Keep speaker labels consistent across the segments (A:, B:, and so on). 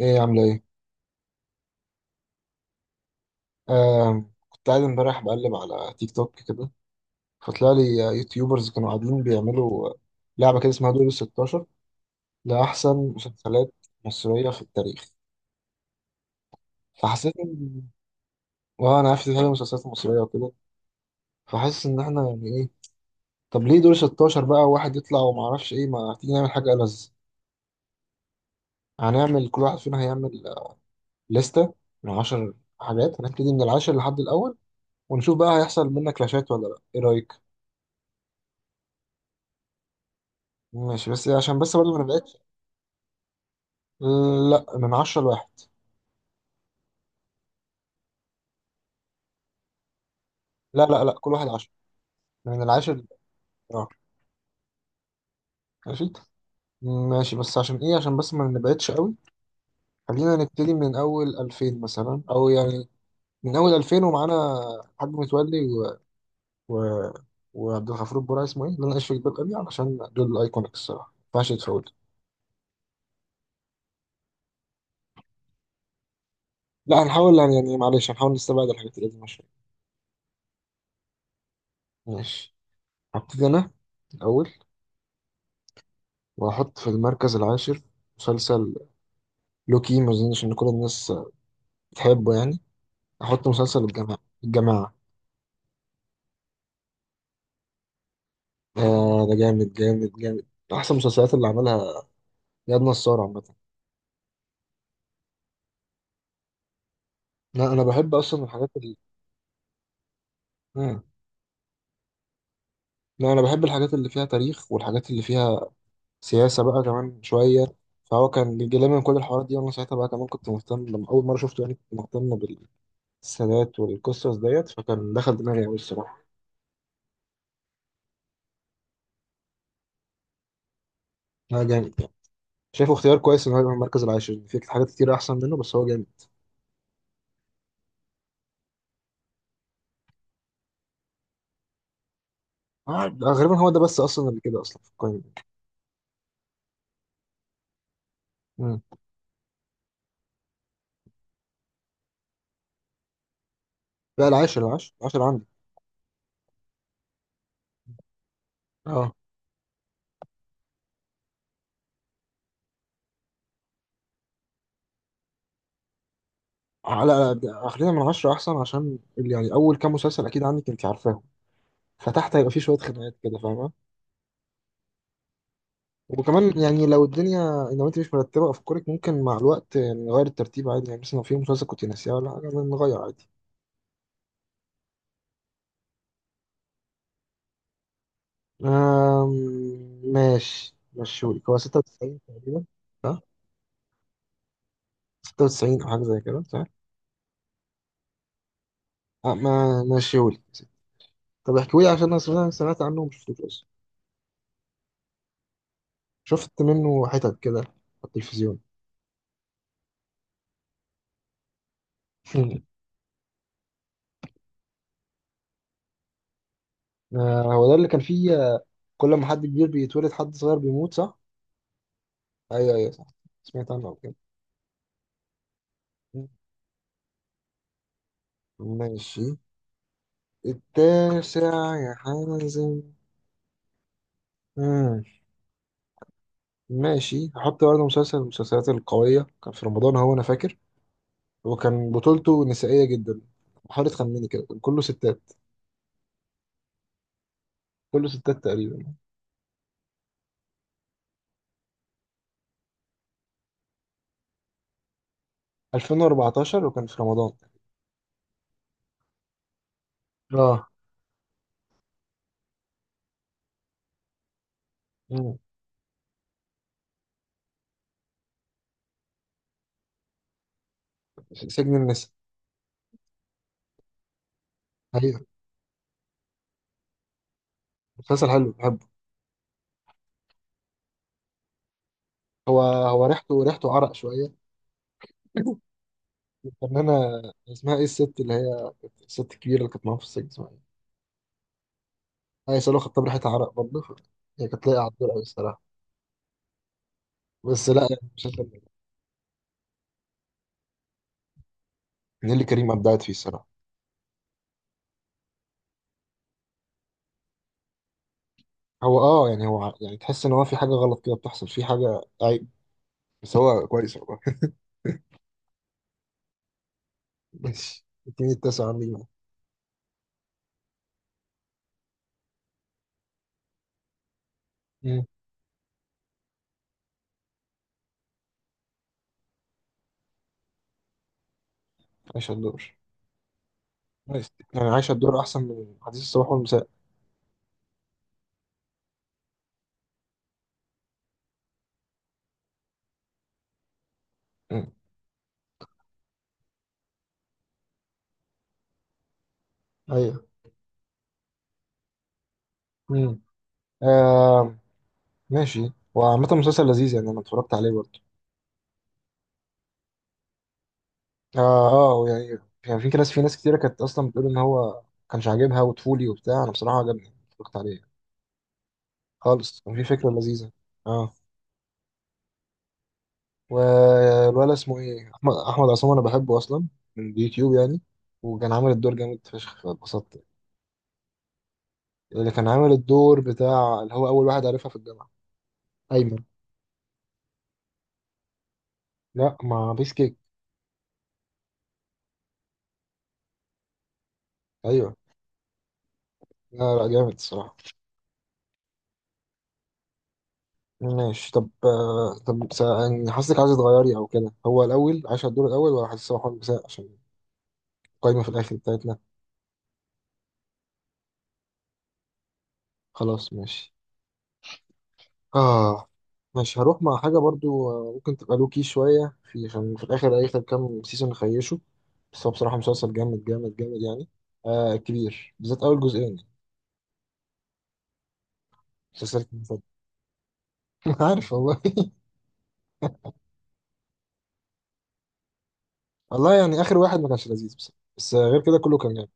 A: ايه عاملة ايه؟ آه كنت قاعد امبارح بقلب على تيك توك كده. فطلع لي يوتيوبرز كانوا قاعدين بيعملوا لعبة كده اسمها دور الستاشر لأحسن مسلسلات مصرية في التاريخ. فحسيت ان اه انا عارف دي حاجة مسلسلات مصرية وكده، فحاسس ان احنا يعني ايه. طب ليه دور 16 بقى واحد يطلع وما اعرفش ايه، ما تيجي نعمل حاجة ألذ؟ هنعمل كل واحد فينا هيعمل لستة من 10 حاجات، هنبتدي من العاشر لحد الأول ونشوف بقى هيحصل منك كلاشات ولا لا، ايه رأيك؟ ماشي، بس عشان بس برضه ما نبقاش. لا، من عشرة لواحد. لا لا لا، كل واحد عشرة، من العاشر لل-. اه ماشي. ماشي، بس عشان ايه، عشان بس ما نبعدش قوي. خلينا نبتدي من اول 2000 مثلا او يعني من اول 2000 ومعانا حاج متولي و... وعبد الغفور البرعي، اسمه ايه اللي انا عايش في جلباب ابي، علشان دول الايكونيك الصراحه ما ينفعش يتفوت. لا هنحاول يعني معلش هنحاول نستبعد الحاجات اللي دي. ماشي. ماشي هبتدي انا الاول واحط في المركز العاشر مسلسل لوكي، ما اظنش ان كل الناس بتحبه يعني. احط مسلسل الجماعه. الجماعه. آه ده جامد جامد جامد، احسن المسلسلات اللي عملها اياد نصار عامه. لا انا بحب اصلا الحاجات اللي آه. لا انا بحب الحاجات اللي فيها تاريخ والحاجات اللي فيها سياسه بقى كمان شويه، فهو كان بيجيلي من كل الحوارات دي، وانا ساعتها بقى كمان كنت مهتم. لما اول مره شفته يعني كنت مهتم بالسادات والقصص ديت، فكان دخل دماغي قوي الصراحه. لا جامد يعني، شايفه اختيار كويس ان هو يبقى المركز العاشر، في حاجات كتير احسن منه بس هو جامد. آه غالبا هو ده بس اصلا اللي كده اصلا في القايمه دي. مم. لا العاشر العاشر العاشر عندي. اه على ده- خلينا من عشرة احسن، عشان ال- يعني اول كام مسلسل اكيد عندك انت عارفاهم فتحت هيبقى فيه شويه خناقات كده فاهمه. وكمان يعني لو الدنيا، لو انت مش مرتبه افكارك ممكن مع الوقت يعني نغير الترتيب عادي، يعني مثلا لو في مسلسل كنت ناسيها ولا حاجه نغير عادي. آم... ماشي مشيولك هو 96 تقريبا. صح. 96 او حاجه زي كده صح. آه ما مشيولك، طب احكيولي عشان انا سمعت عنه ومشفتوش اصلا. شفت منه حتت كده على التلفزيون. آه، هو ده اللي كان فيه كل ما حد كبير بيتولد حد صغير بيموت صح؟ ايوه ايوه صح، سمعت عنه قبل كده. ماشي. التاسع، يا حازم. مم. ماشي هحط برضه مسلسل من المسلسلات القوية، كان في رمضان هو أنا فاكر، وكان بطولته نسائية جدا. حاول تخمني كده، كان كله ستات. كله ستات تقريبا. 2014 وكان في رمضان. اه. مم. سجن النساء. أيوة. مسلسل حلو بحبه. هو ريحته عرق شوية. فنانة اسمها ايه الست اللي هي كانت- الست الكبيرة اللي كانت معاها في السجن اسمها ايه؟ هي سلوى خطاب، ريحة عرق برضه ف-. هي كانت لايقة على الدور أوي الصراحة. بس لا يعني مش هتلاقي-. نيللي كريم أبدعت فيه الصراحة. هو اه يعني هو ع- يعني تحس إن هو في حاجة غلط كده بتحصل، في حاجة عيب بس هو كويس والله. ماشي، اديني التاسع عندي بقى. مم. عايشة الدور. كويس، يعني عايشة الدور أحسن من حديث الصباح والمساء. مم. أيوه. مم. آه ماشي، وعامة مسلسل لذيذ يعني أنا اتفرجت عليه برضه. اه. اه يعني كان في ناس كتيرة كانت اصلا بتقول ان هو كانش عاجبها وطفولي وبتاع، انا بصراحة عجبني اتفرجت عليه. خالص، كان في فكرة لذيذة. اه. والولد اسمه ايه، احمد عصام، انا بحبه اصلا من اليوتيوب يعني، وكان عامل الدور جامد فشخ فاتبسطت. اللي كان عامل الدور بتاع اللي هو اول واحد عارفها في الجامعة، ايمن. لا، ما بيس كيك. ايوه. لا لا جامد الصراحة. ماشي طب طب سا- يعني حاسسك عايز تغيري او كده، هو الاول عايش على الدور الاول ولا حاسس هو حاول مساء؟ عشان قايمة في الآخر بتاعتنا. خلاص ماشي. آه. ماشي هروح مع حاجة برضو ممكن تبقى لوكي شوية، في عشان في الآخر آخر كام سيزون خيشوا، بس هو بصراحة مسلسل جامد جامد جامد يعني. آه كبير بالذات أول جزئين. مسلسل المفضل. عارف والله. والله يعني آخر واحد ما كانش لذيذ بس، بس غير كده كله كان جامد.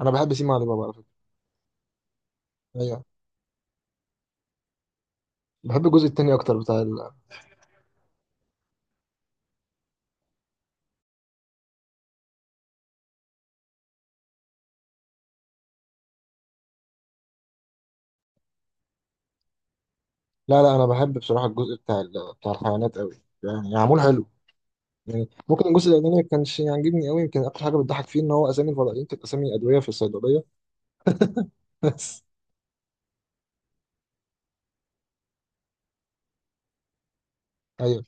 A: أنا بحب سيما علي بابا على فكرة. أيوه. بحب الجزء التاني أكتر، بتاع ال-. لا لا أنا بحب بصراحة الجزء بتاع ال- بتاع الحيوانات أوي، يعني معمول حلو. يعني ممكن الجزء الاولاني ما كانش يعجبني قوي، يمكن اكتر حاجه بتضحك فيه ان هو اسامي الفضائيين كانت اسامي ادويه في الصيدليه. بس. ايوه.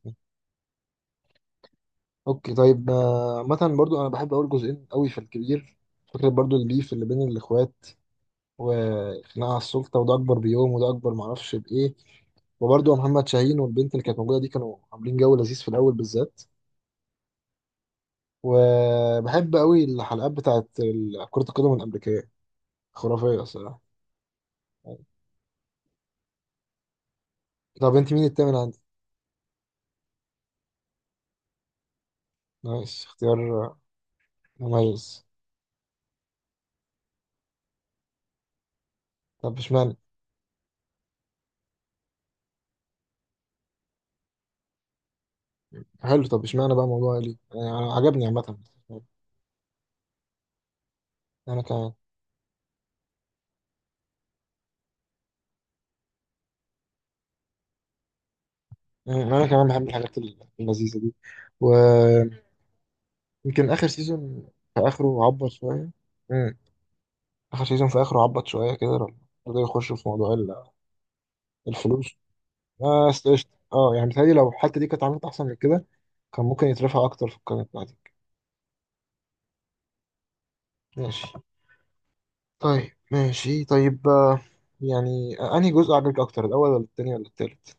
A: اوكي طيب مثلا برضو انا بحب اول جزئين قوي في الكبير، فكره برضو البيف اللي بين الاخوات وخناقه على السلطه، وده اكبر بيوم وده اكبر معرفش بايه. وبرضو محمد شاهين والبنت اللي كانت موجوده دي كانوا عاملين جو لذيذ في الاول بالذات. وبحب قوي الحلقات بتاعت ال- كره القدم الامريكيه، خرافيه الصراحه. طب انت مين التامن عندك؟ نايس اختيار مميز. طب اشمعنى؟ حلو، طب اشمعنى بقى موضوع ليه يعني أنا- عجبني عامة. انا كمان. انا كمان بحب الحاجات اللذيذة دي، ويمكن. اخر سيزون في اخره عبط شوية. مم. اخر سيزون في اخره عبط شوية كده، لما بدأوا يخشوا في موضوع ال- الفلوس. اه قشطة. اه يعني متهيألي لو الحتة دي كانت عملت احسن من كده كان ممكن يترفع اكتر في القائمة بتاعتي. ماشي. طيب ماشي طيب يعني انهي جزء عجبك اكتر، الاول ولا التاني ولا التالت؟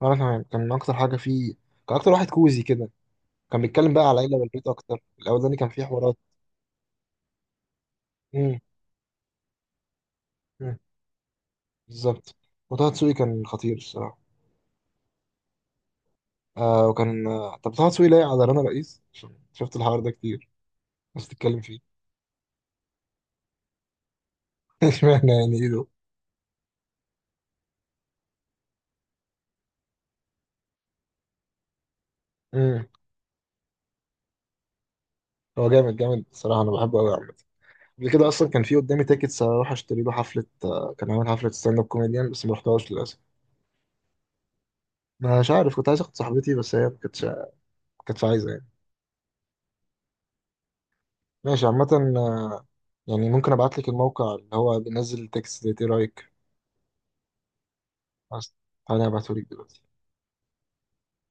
A: وانا كمان كان اكتر حاجه فيه، كان اكتر واحد كوزي كده، كان بيتكلم بقى على العيله والبيت اكتر. الاولاني كان فيه حوارات. امم. أمم. بالظبط. وطه دسوقي كان خطير الصراحه. آه وكان طب طه دسوقي لايق على رنا رئيس، عشان شفت الحوار ده كتير بس تتكلم فيه. اشمعنى، يعني ايه ده؟ امم. هو جامد جامد الصراحه، انا بحبه قوي عامه. قبل كده اصلا كان في قدامي تيكتس اروح اشتري له حفله، كان عامل حفله ستاند اب كوميديان بس ما رحتهاش للاسف. مش عارف، كنت عايز اخد صاحبتي بس هي ما كانتش عايزه يعني. ماشي عامة، آه، يعني ممكن ابعت لك الموقع اللي هو بينزل التكست ده، ايه رأيك؟ بس تعالى ابعته لك دلوقتي.